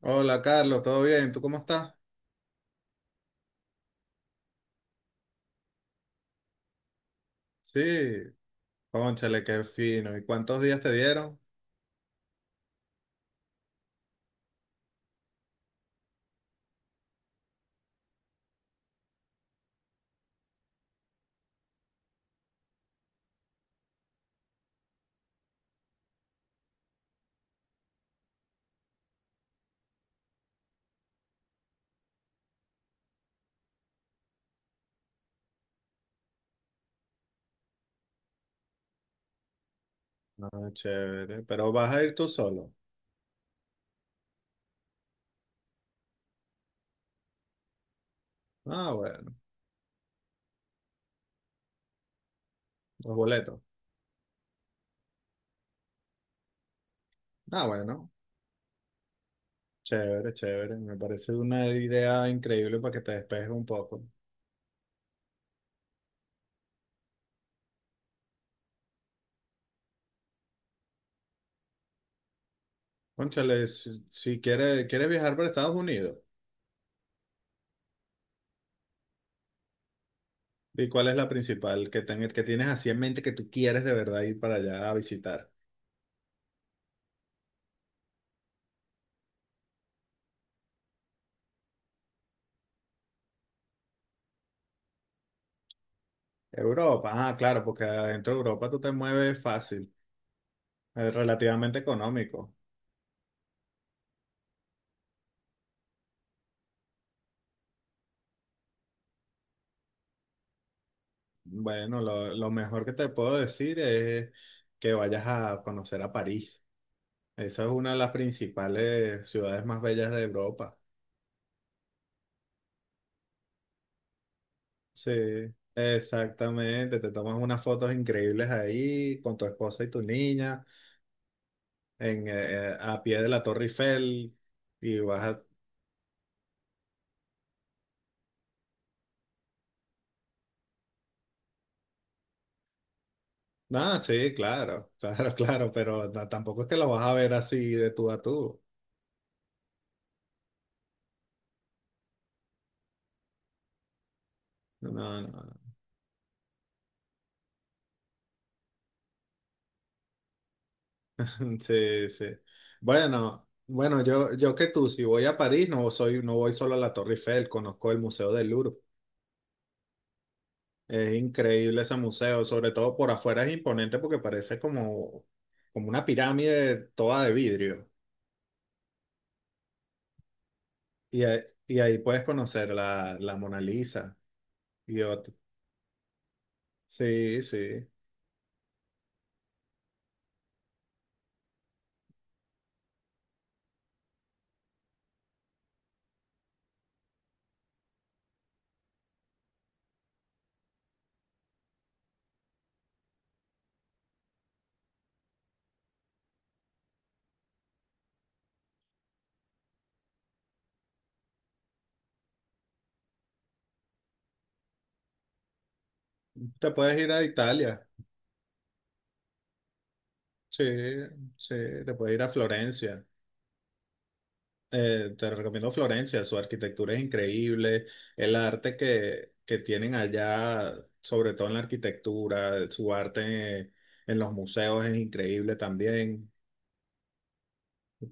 Hola Carlos, ¿todo bien? ¿Tú cómo estás? Sí, cónchale, qué fino. ¿Y cuántos días te dieron? Ah, chévere. ¿Pero vas a ir tú solo? Ah, bueno, los boletos. Ah, bueno, chévere, chévere. Me parece una idea increíble para que te despejes un poco. Cónchale, si quieres, quieres viajar para Estados Unidos, ¿y cuál es la principal que, que tienes así en mente que tú quieres de verdad ir para allá a visitar? Europa, ah, claro, porque adentro de Europa tú te mueves fácil, relativamente económico. Bueno, lo mejor que te puedo decir es que vayas a conocer a París. Esa es una de las principales ciudades más bellas de Europa. Sí, exactamente. Te tomas unas fotos increíbles ahí con tu esposa y tu niña en, a pie de la Torre Eiffel y vas a... No, sí, claro, claro, claro, pero no, tampoco es que lo vas a ver así de tú a tú. No, no, sí, sí. Bueno, bueno, yo que tú, si voy a París, no soy, no voy solo a la Torre Eiffel, conozco el Museo del Louvre. Es increíble ese museo, sobre todo por afuera es imponente porque parece como, como una pirámide toda de vidrio. Y, ahí- y ahí puedes conocer la, la Mona Lisa y otro. Sí, sí. Te puedes ir a Italia. Sí, sí, te puedes ir a Florencia. Te recomiendo Florencia, su arquitectura es increíble, el arte que tienen allá, sobre todo en la arquitectura, su arte en, los museos es increíble también.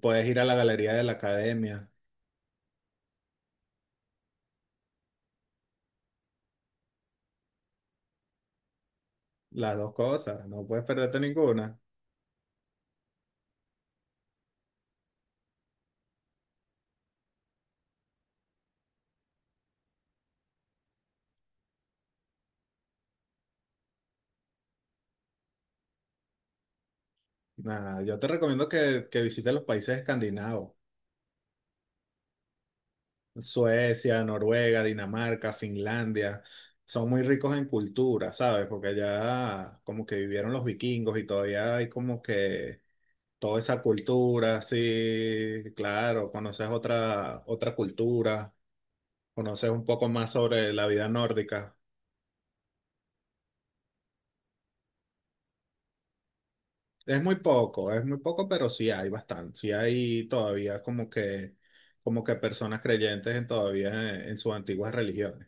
Puedes ir a la galería de la academia, las dos cosas, no puedes perderte ninguna. Nada, yo te recomiendo que visites los países escandinavos, Suecia, Noruega, Dinamarca, Finlandia. Son muy ricos en cultura, ¿sabes? Porque allá como que vivieron los vikingos y todavía hay como que toda esa cultura, sí, claro, conoces otra, otra cultura, conoces un poco más sobre la vida nórdica. Es muy poco, pero sí hay bastante, sí hay todavía como que personas creyentes en todavía en sus antiguas religiones.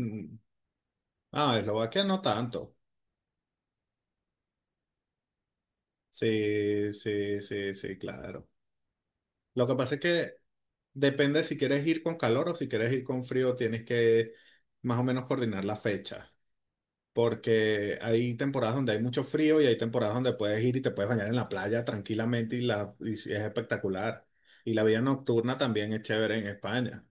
Mm. Ah, Eslovaquia no tanto. Sí, sí, sí, sí, claro. Lo que pasa es que depende si quieres ir con calor o si quieres ir con frío, tienes que más o menos coordinar la fecha. Porque hay temporadas donde hay mucho frío y hay temporadas donde puedes ir y te puedes bañar en la playa tranquilamente y, la, y si es espectacular. Y la vida nocturna también es chévere en España.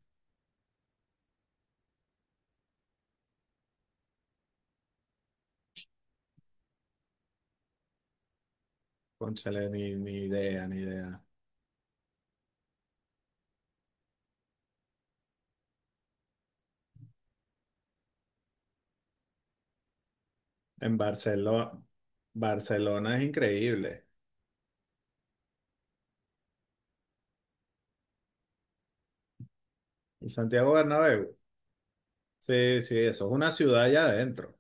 Cónchale, ni, ni idea, ni idea. En Barcelona, Barcelona es increíble. Y Santiago Bernabéu, sí, sí, eso es una ciudad allá adentro.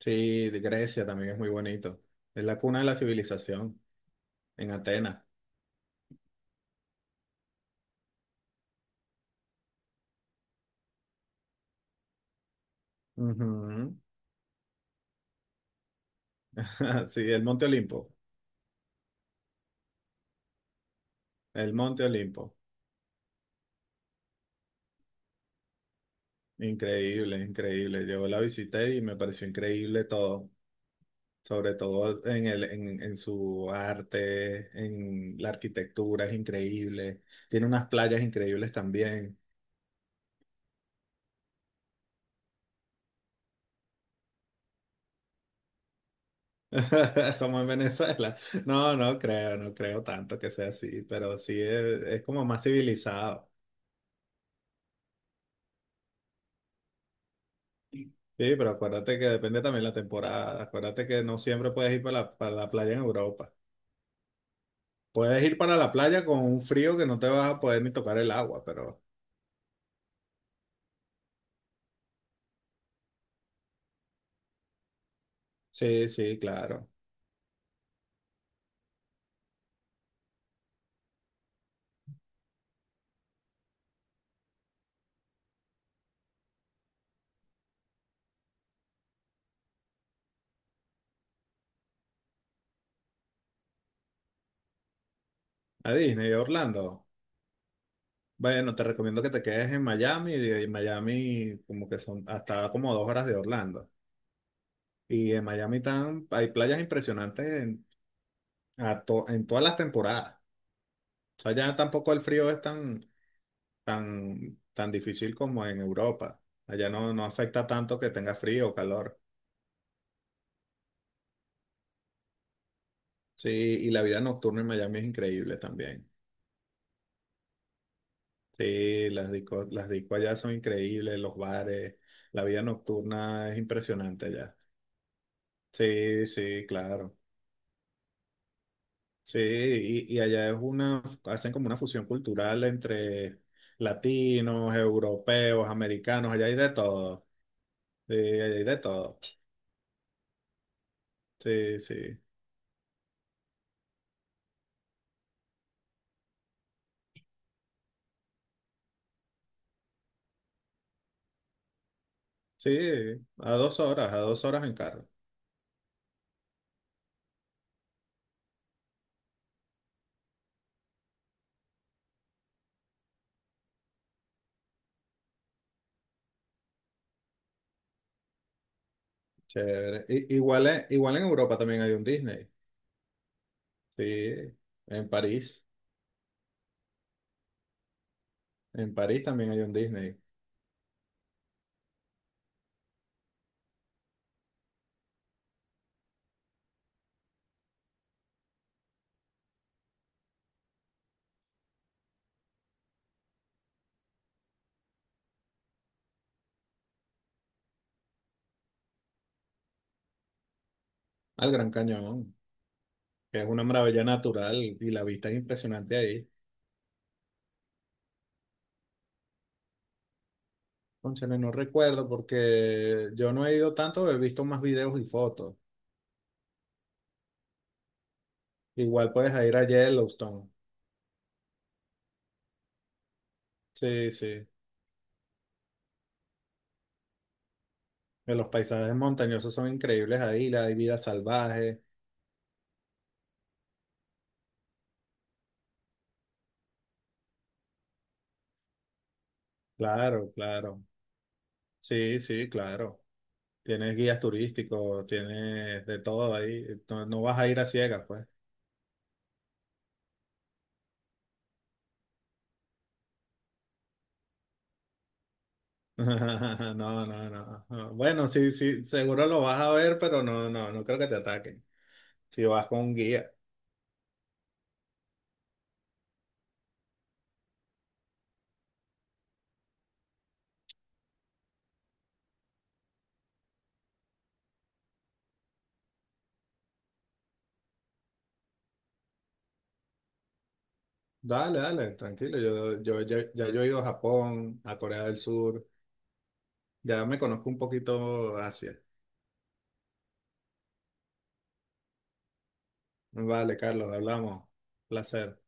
Sí, de Grecia también es muy bonito. Es la cuna de la civilización, en Atenas. Ujú. Sí, el Monte Olimpo, el Monte Olimpo. Increíble, increíble. Yo la visité y me pareció increíble todo, sobre todo en el, en su arte, en la arquitectura, es increíble. Tiene unas playas increíbles también, como en Venezuela. No, no creo, no creo tanto que sea así, pero sí es como más civilizado. Sí, pero acuérdate que depende también la temporada. Acuérdate que no siempre puedes ir para la playa en Europa. Puedes ir para la playa con un frío que no te vas a poder ni tocar el agua, pero... Sí, sí, claro. A Disney, a Orlando. Bueno, te recomiendo que te quedes en Miami. Y De y Miami, como que son hasta como dos horas de Orlando. Y en Miami hay playas impresionantes en, en todas las temporadas. O sea, ya tampoco el frío es tan, tan, tan difícil como en Europa. Allá no, no afecta tanto que tenga frío o calor. Sí, y la vida nocturna en Miami es increíble también. Sí, las discos allá son increíbles, los bares, la vida nocturna es impresionante allá. Sí, sí, claro. Sí, y allá es una, hacen como una fusión cultural entre latinos, europeos, americanos, allá hay de todo. Sí, allá hay de todo. Sí, sí. Sí, a 2 horas, a 2 horas en carro. Chévere. Igual en Europa también hay un Disney. Sí, en París. En París también hay un Disney. Al Gran Cañón, que es una maravilla natural y la vista es impresionante ahí. Cónchale, no recuerdo porque yo no he ido tanto, he visto más videos y fotos. Igual puedes ir a Yellowstone. Sí, sí. Que los paisajes montañosos son increíbles ahí, la hay vida salvaje. Claro, claro. Sí, sí, claro. Tienes guías turísticos, tienes de todo ahí. No, no vas a ir a ciegas, pues. No, no, no. no. Bueno, sí, sí, seguro lo vas a ver, pero no, no, no creo que te ataquen si vas con un guía. Dale, dale, tranquilo. Ya yo he ido a Japón, a Corea del Sur. Ya me conozco un poquito Asia. Vale, Carlos, hablamos. Placer.